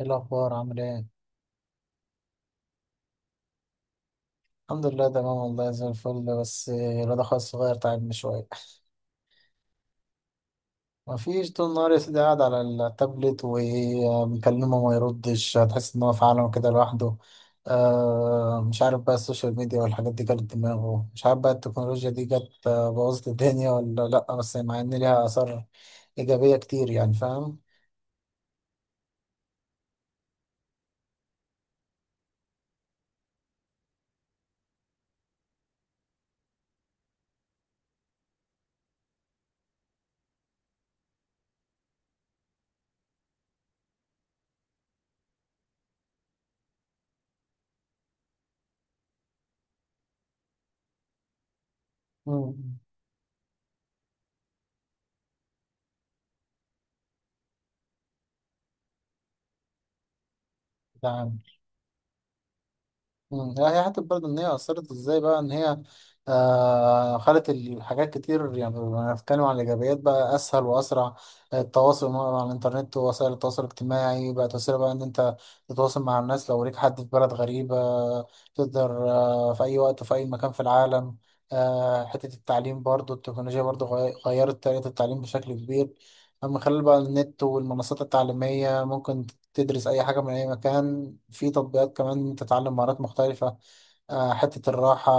ايه الاخبار، عامل ايه؟ الحمد لله تمام، والله زي الفل، بس الواد اخويا الصغير تعبني شويه. مفيش، طول النهار يا سيدي قاعد على التابلت وبنكلمه وما يردش، هتحس ان هو في عالم كده لوحده. مش عارف بقى السوشيال ميديا والحاجات دي جت دماغه، مش عارف بقى التكنولوجيا دي جت، بوظت الدنيا ولا لا، بس مع ان ليها اثار ايجابيه كتير. يعني فاهم؟ مم. نعم. مم. لا، هي حتى برضه إن هي أثرت إزاي بقى إن هي خلت الحاجات كتير؟ يعني لو هنتكلم عن الإيجابيات، بقى أسهل وأسرع التواصل مع الإنترنت ووسائل التواصل الاجتماعي. بقت وسيلة بقى إن أنت تتواصل مع الناس، لو ليك حد في بلد غريبة تقدر، في أي وقت وفي أي مكان في العالم. حتة التعليم برضه، التكنولوجيا برضه غيرت طريقة التعليم بشكل كبير، من خلال بقى النت والمنصات التعليمية. ممكن تدرس أي حاجة من أي مكان، في تطبيقات كمان تتعلم مهارات مختلفة. حتة الراحة،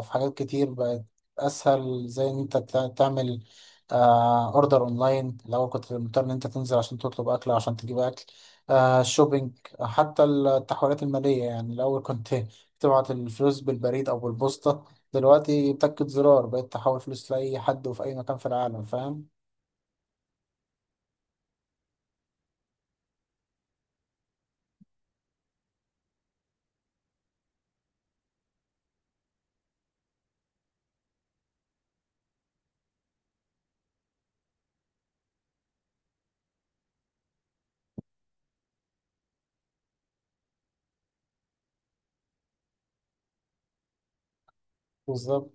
في حاجات كتير بقت أسهل، زي إن أنت تعمل أوردر أونلاين. الأول كنت مضطر إن أنت تنزل عشان تطلب أكل أو عشان تجيب أكل. الشوبينج، حتى التحويلات المالية، يعني الأول كنت تبعت الفلوس بالبريد أو بالبوسطة. دلوقتي بتاكد زرار بقيت تحول فلوس لأي حد وفي أي مكان في العالم. فاهم؟ بالظبط.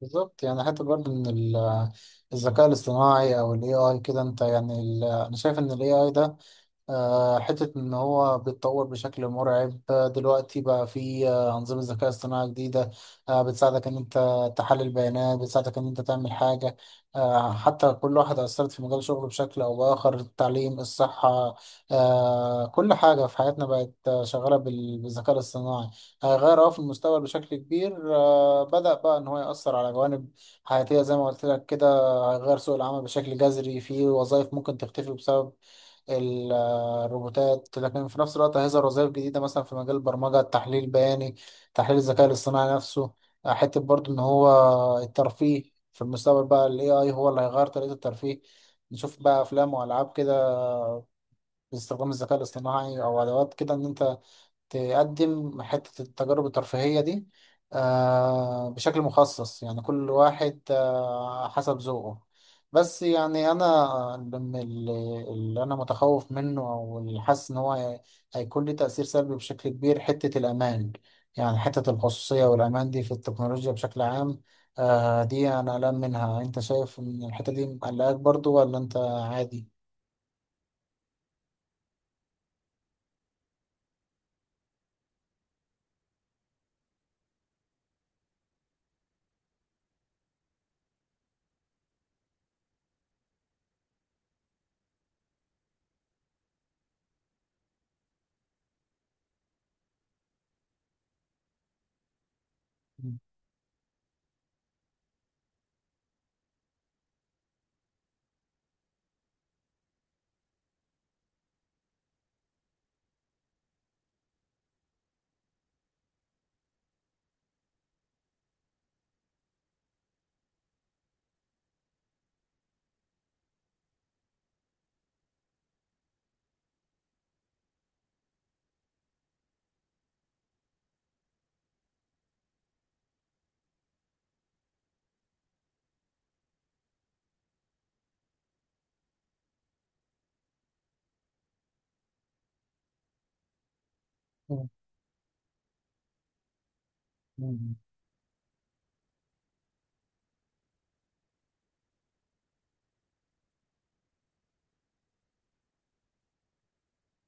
بالظبط، يعني حتى برضه ان الذكاء الاصطناعي او الاي اي كده، انت يعني انا شايف ان الاي اي ده، حتة إن هو بيتطور بشكل مرعب. دلوقتي بقى في أنظمة ذكاء اصطناعي جديدة، بتساعدك إن أنت تحلل بيانات، بتساعدك إن أنت تعمل حاجة. حتى كل واحدة أثرت في مجال شغله بشكل أو بآخر، التعليم، الصحة. كل حاجة في حياتنا بقت، شغالة بالذكاء الاصطناعي. هيغير في المستقبل بشكل كبير. بدأ بقى إن هو يأثر على جوانب حياتية زي ما قلت لك كده. هيغير سوق العمل بشكل جذري، في وظائف ممكن تختفي بسبب ال- الروبوتات، لكن في نفس الوقت هيظهر وظائف جديدة مثلا في مجال البرمجة، التحليل البياني، تحليل الذكاء الاصطناعي نفسه. حتة برضو إن هو الترفيه في المستقبل، بقى ال AI هو اللي هيغير طريقة الترفيه. نشوف بقى أفلام وألعاب كده باستخدام الذكاء الاصطناعي أو أدوات كده إن أنت تقدم حتة التجارب الترفيهية دي، بشكل مخصص، يعني كل واحد حسب ذوقه. بس يعني أنا من اللي أنا متخوف منه، أو اللي حاسس إن هو هيكون ليه تأثير سلبي بشكل كبير، حتة الأمان، يعني حتة الخصوصية والأمان دي في التكنولوجيا بشكل عام. دي أنا قلقان منها. أنت شايف إن الحتة دي مقلقاك برضو ولا أنت عادي؟ مم. مم.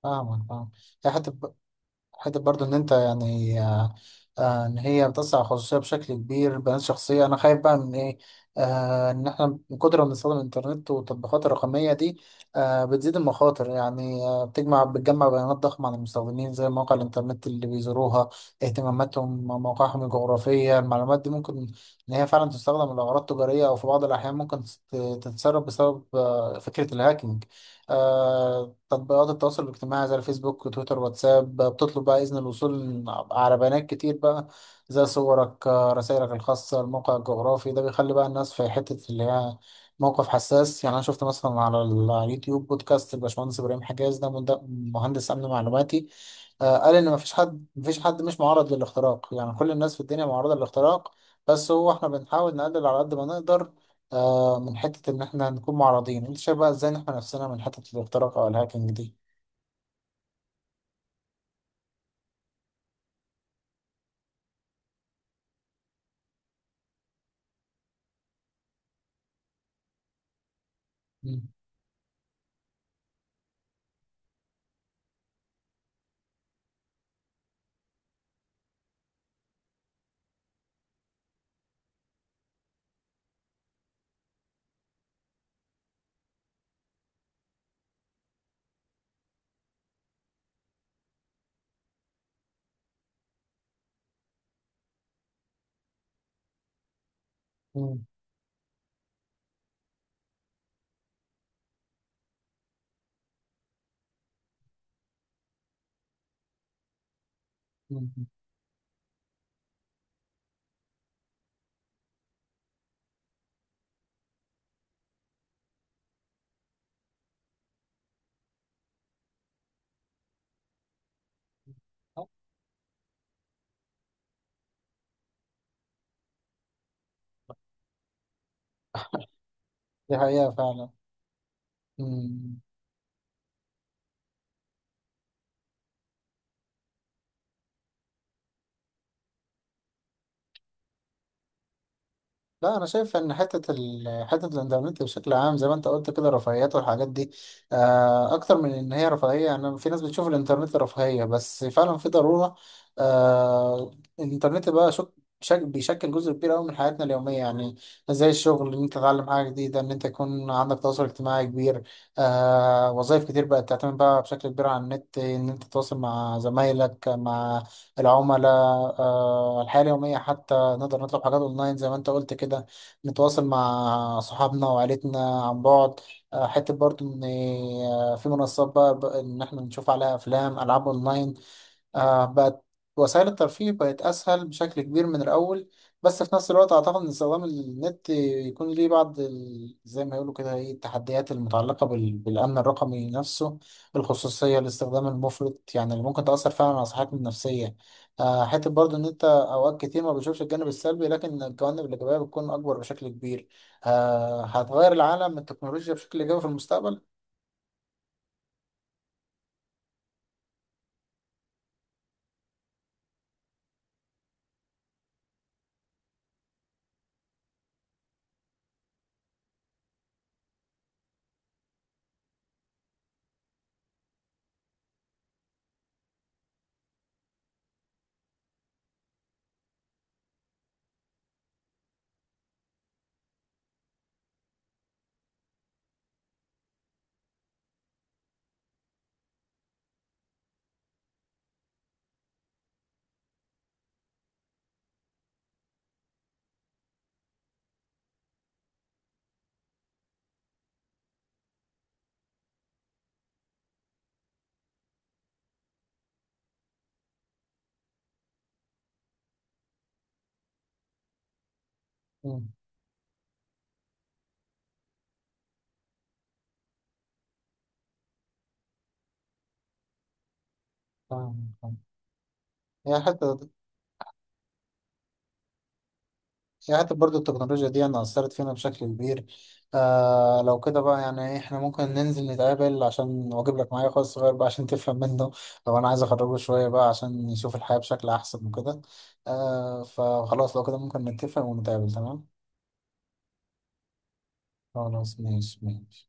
فاهمك، فاهم. يا حتى، حتة برضو إن أنت يعني، إن هي بتسع الخصوصية بشكل كبير، بيانات شخصية أنا خايف بقى من إيه. إن إحنا من كتر ما بنستخدم الإنترنت والتطبيقات الرقمية دي، بتزيد المخاطر. يعني بتجمع بيانات ضخمة عن المستخدمين، زي مواقع الإنترنت اللي بيزوروها، اهتماماتهم، مواقعهم الجغرافية. المعلومات دي ممكن إن هي فعلا تستخدم لأغراض تجارية، أو في بعض الأحيان ممكن تتسرب بسبب فكرة الهاكينج. تطبيقات التواصل الاجتماعي زي الفيسبوك وتويتر واتساب بتطلب بقى إذن الوصول على بيانات كتير بقى، زي صورك، رسائلك الخاصة، الموقع الجغرافي. ده بيخلي بقى الناس في حتة اللي هي موقف حساس. يعني أنا شفت مثلا على على اليوتيوب بودكاست الباشمهندس إبراهيم حجاز، ده مهندس أمن معلوماتي. قال إن مفيش حد مش معرض للاختراق، يعني كل الناس في الدنيا معرضة للاختراق، بس هو احنا بنحاول نقلل على قد ما نقدر من حتة إن إحنا نكون معرضين. أنت شايف بقى إزاي نحمي نفسنا من حتة الاختراق أو الهاكينج دي؟ مم. مم. مم. دي حقيقة فعلا. مم. لا انا شايف ان حته الانترنت بشكل عام زي ما انت قلت كده، رفاهيات والحاجات دي، اكتر من ان هي رفاهيه. يعني في ناس بتشوف الانترنت رفاهيه، بس فعلا في ضروره. آه، الانترنت بقى بيشكل جزء كبير قوي من حياتنا اليوميه، يعني زي الشغل، ان انت تتعلم حاجه جديده، ان انت يكون عندك تواصل اجتماعي كبير. وظائف كتير بقت تعتمد بقى بشكل كبير على النت، ان انت تتواصل مع زمايلك، مع العملاء. الحياه اليوميه حتى، نقدر نطلب حاجات اونلاين زي ما انت قلت كده، نتواصل مع صحابنا وعائلتنا عن بعد. حتة برضو ان في منصات بقى ان احنا نشوف عليها افلام، العاب اونلاين. بقت وسائل الترفيه، بقت أسهل بشكل كبير من الأول. بس في نفس الوقت أعتقد إن استخدام النت يكون ليه بعض زي ما يقولوا كده إيه، التحديات المتعلقة بالأمن الرقمي نفسه، الخصوصية، الاستخدام المفرط، يعني اللي ممكن تأثر فعلا على صحتنا النفسية. حتة برضه إن أنت أوقات كتير ما بتشوفش الجانب السلبي، لكن الجوانب الإيجابية بتكون أكبر بشكل كبير. هتغير العالم التكنولوجيا بشكل إيجابي في المستقبل؟ مم. تمام. هي حتة هي حتى برضو التكنولوجيا دي أنا أثرت فينا بشكل كبير. لو كده بقى، يعني إحنا ممكن ننزل نتقابل عشان وأجيب لك معايا أخويا الصغير بقى عشان تفهم منه، لو أنا عايز أخرجه شوية بقى عشان يشوف الحياة بشكل أحسن وكده. فخلاص لو كده ممكن نتفق ونتقابل، تمام؟ خلاص، ماشي ماشي.